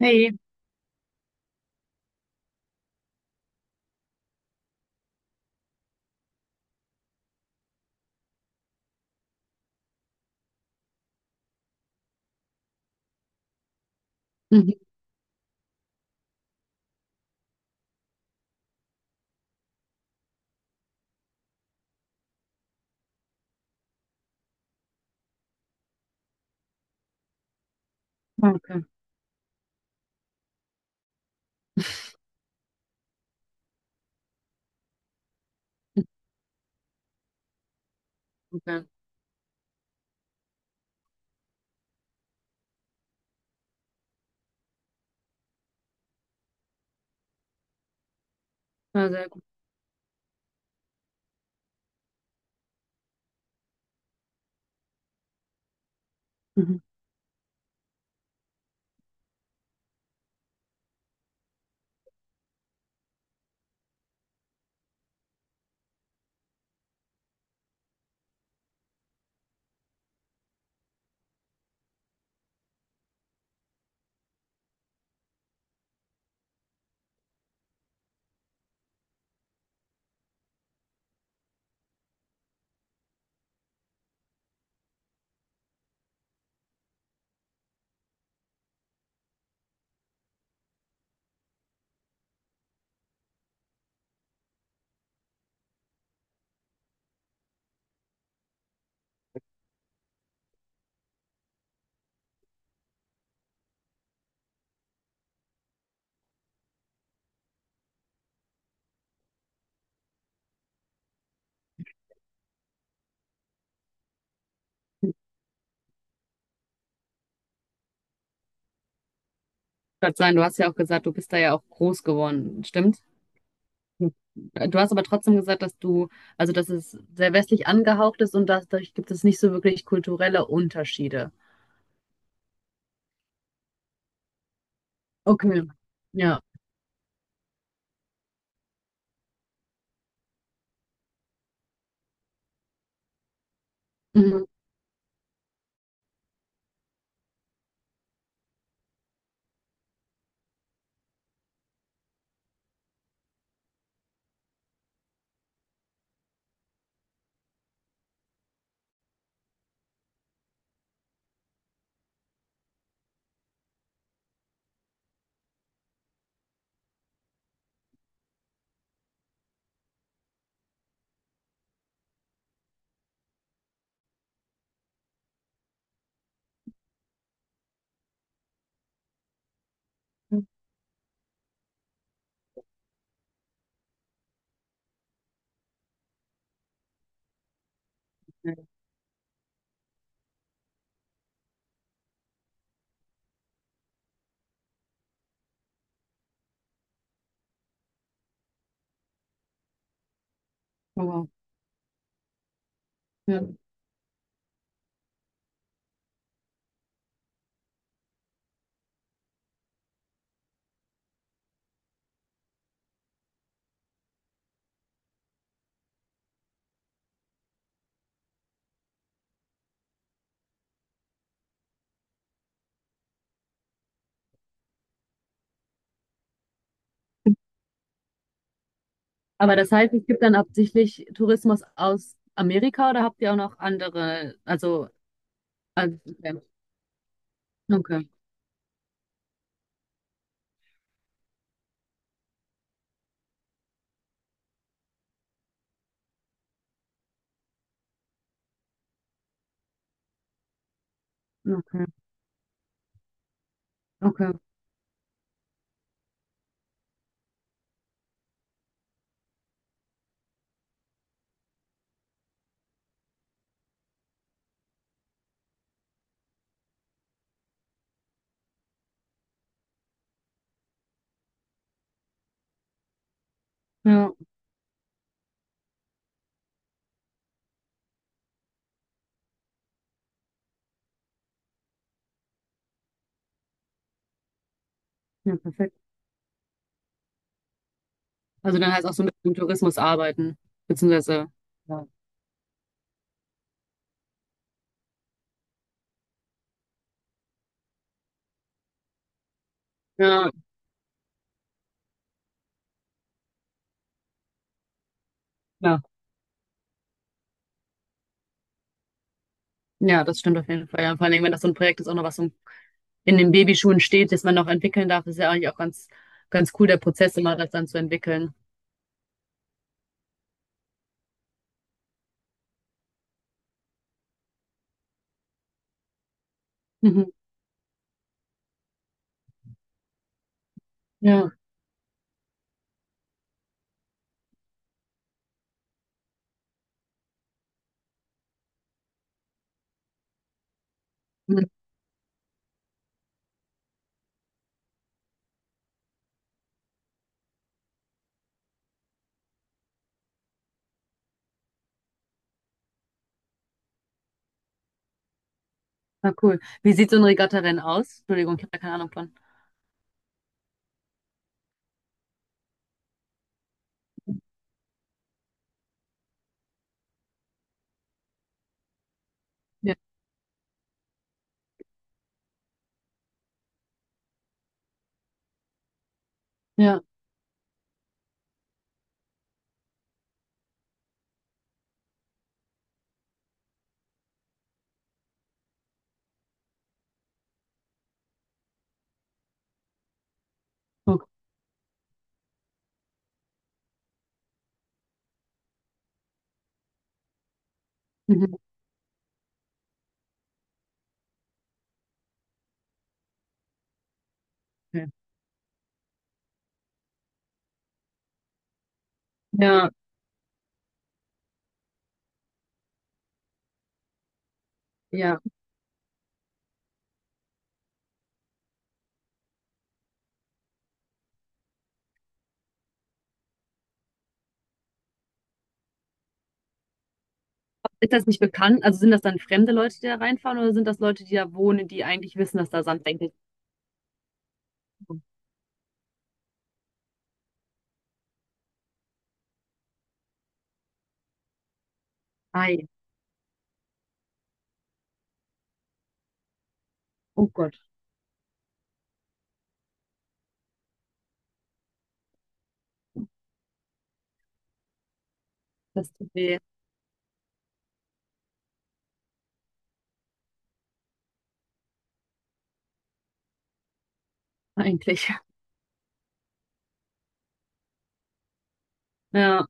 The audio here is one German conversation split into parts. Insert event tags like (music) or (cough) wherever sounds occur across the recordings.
Hey. Mhm. Okay, okay. Ja, sehr gut. Mhm. Ich wollte sagen, du hast ja auch gesagt, du bist da ja auch groß geworden, stimmt? Mhm. Du hast aber trotzdem gesagt, dass du, also dass es sehr westlich angehaucht ist und dass, dadurch gibt es nicht so wirklich kulturelle Unterschiede. Okay, ja. Mhm. Okay. Oh, wow. Ja. Aber das heißt, es gibt dann absichtlich Tourismus aus Amerika oder habt ihr auch noch andere, also okay, okay, okay, okay, ja, ja, perfekt. Also dann heißt auch so mit dem Tourismus arbeiten, beziehungsweise, ja, ja, ja, ja, das stimmt auf jeden Fall. Ja, vor allem, wenn das so ein Projekt ist, auch noch was so in den Babyschuhen steht, das man noch entwickeln darf, ist ja eigentlich auch ganz, ganz cool, der Prozess immer das dann zu entwickeln. Mhm. Ja, mhm. Ja, cool. Wie sieht so ein Regattarennen aus? Entschuldigung, ich habe da keine Ahnung von. Ja, ja, okay. Mhm. Okay. Ja, ja. Ist das nicht bekannt? Also sind das dann fremde Leute, die da reinfahren, oder sind das Leute, die da wohnen, die eigentlich wissen, dass da Sandbänke sind? Ei, oh Gott, das tut weh, eigentlich. Ja,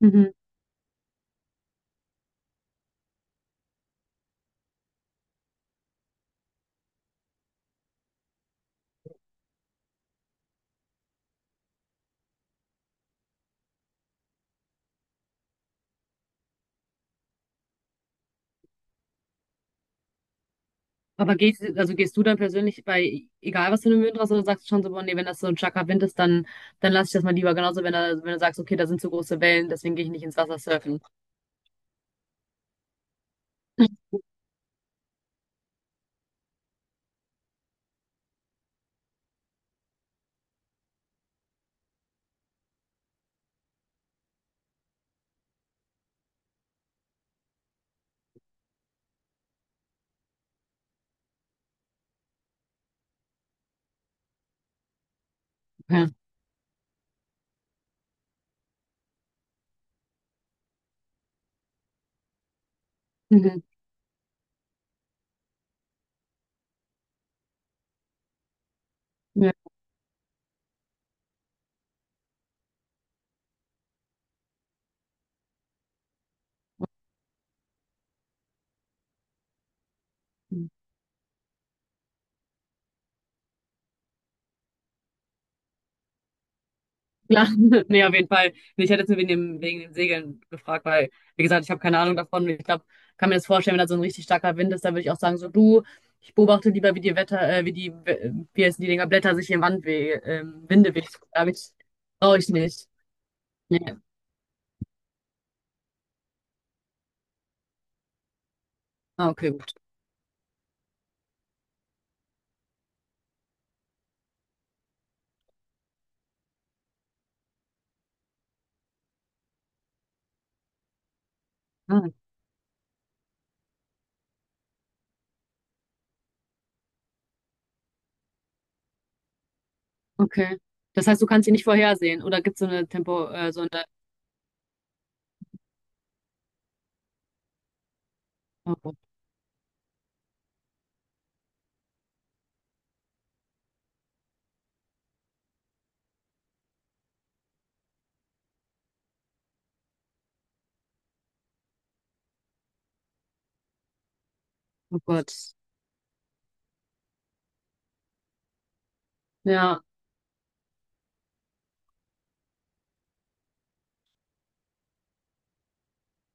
mhm. Aber gehst, also gehst du dann persönlich bei, egal was für einen Wind Möhrenrasse, oder sagst du schon so, boah, nee, wenn das so ein starker Wind ist, dann, dann lass ich das mal lieber. Genauso, wenn, da, wenn du sagst, okay, da sind zu große Wellen, deswegen gehe ich nicht ins Wasser surfen. Ja. Mhm. Ja. Klar, (laughs) nee, auf jeden Fall. Nee, ich hätte jetzt nur wegen dem Segeln gefragt, weil, wie gesagt, ich habe keine Ahnung davon. Ich glaube, kann mir das vorstellen, wenn da so ein richtig starker Wind ist, dann würde ich auch sagen, so du, ich beobachte lieber, wie die Wetter, wie die, wie heißen die Dinger, Blätter sich im Wand we Winde weh. Da ich, brauche ich nicht. Nee. Ah, okay. Ah, okay. Das heißt, du kannst sie nicht vorhersehen oder gibt es so eine Tempo, so eine, oh Gott, oh Gott. Ja,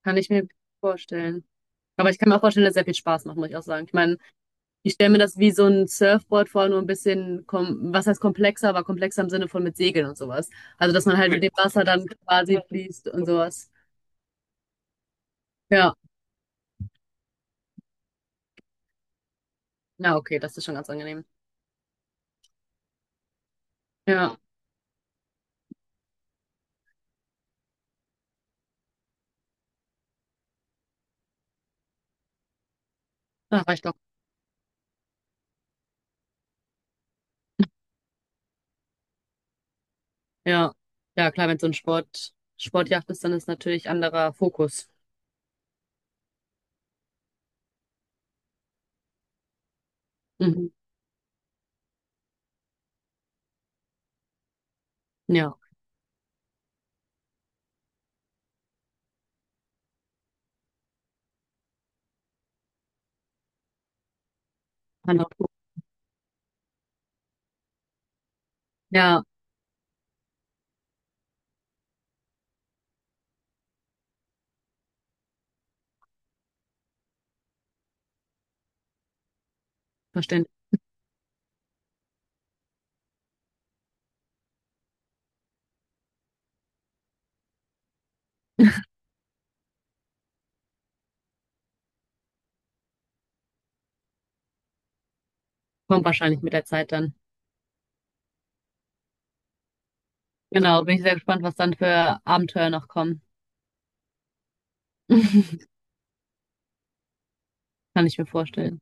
kann ich mir vorstellen. Aber ich kann mir auch vorstellen, dass es sehr viel Spaß macht, muss ich auch sagen. Ich meine, ich stelle mir das wie so ein Surfboard vor, nur ein bisschen, kom was heißt komplexer, aber komplexer im Sinne von mit Segeln und sowas. Also, dass man halt mit dem Wasser dann quasi fließt und sowas. Ja, na okay, das ist schon ganz angenehm. Ja, da reicht doch. Ja, ja klar, wenn es so ein Sport, Sportjacht ist, dann ist natürlich anderer Fokus. Mhm. Ja, anderer Fokus. Ja. Verständlich. Kommt wahrscheinlich mit der Zeit dann. Genau, bin ich sehr gespannt, was dann für Abenteuer noch kommen. (laughs) Kann ich mir vorstellen.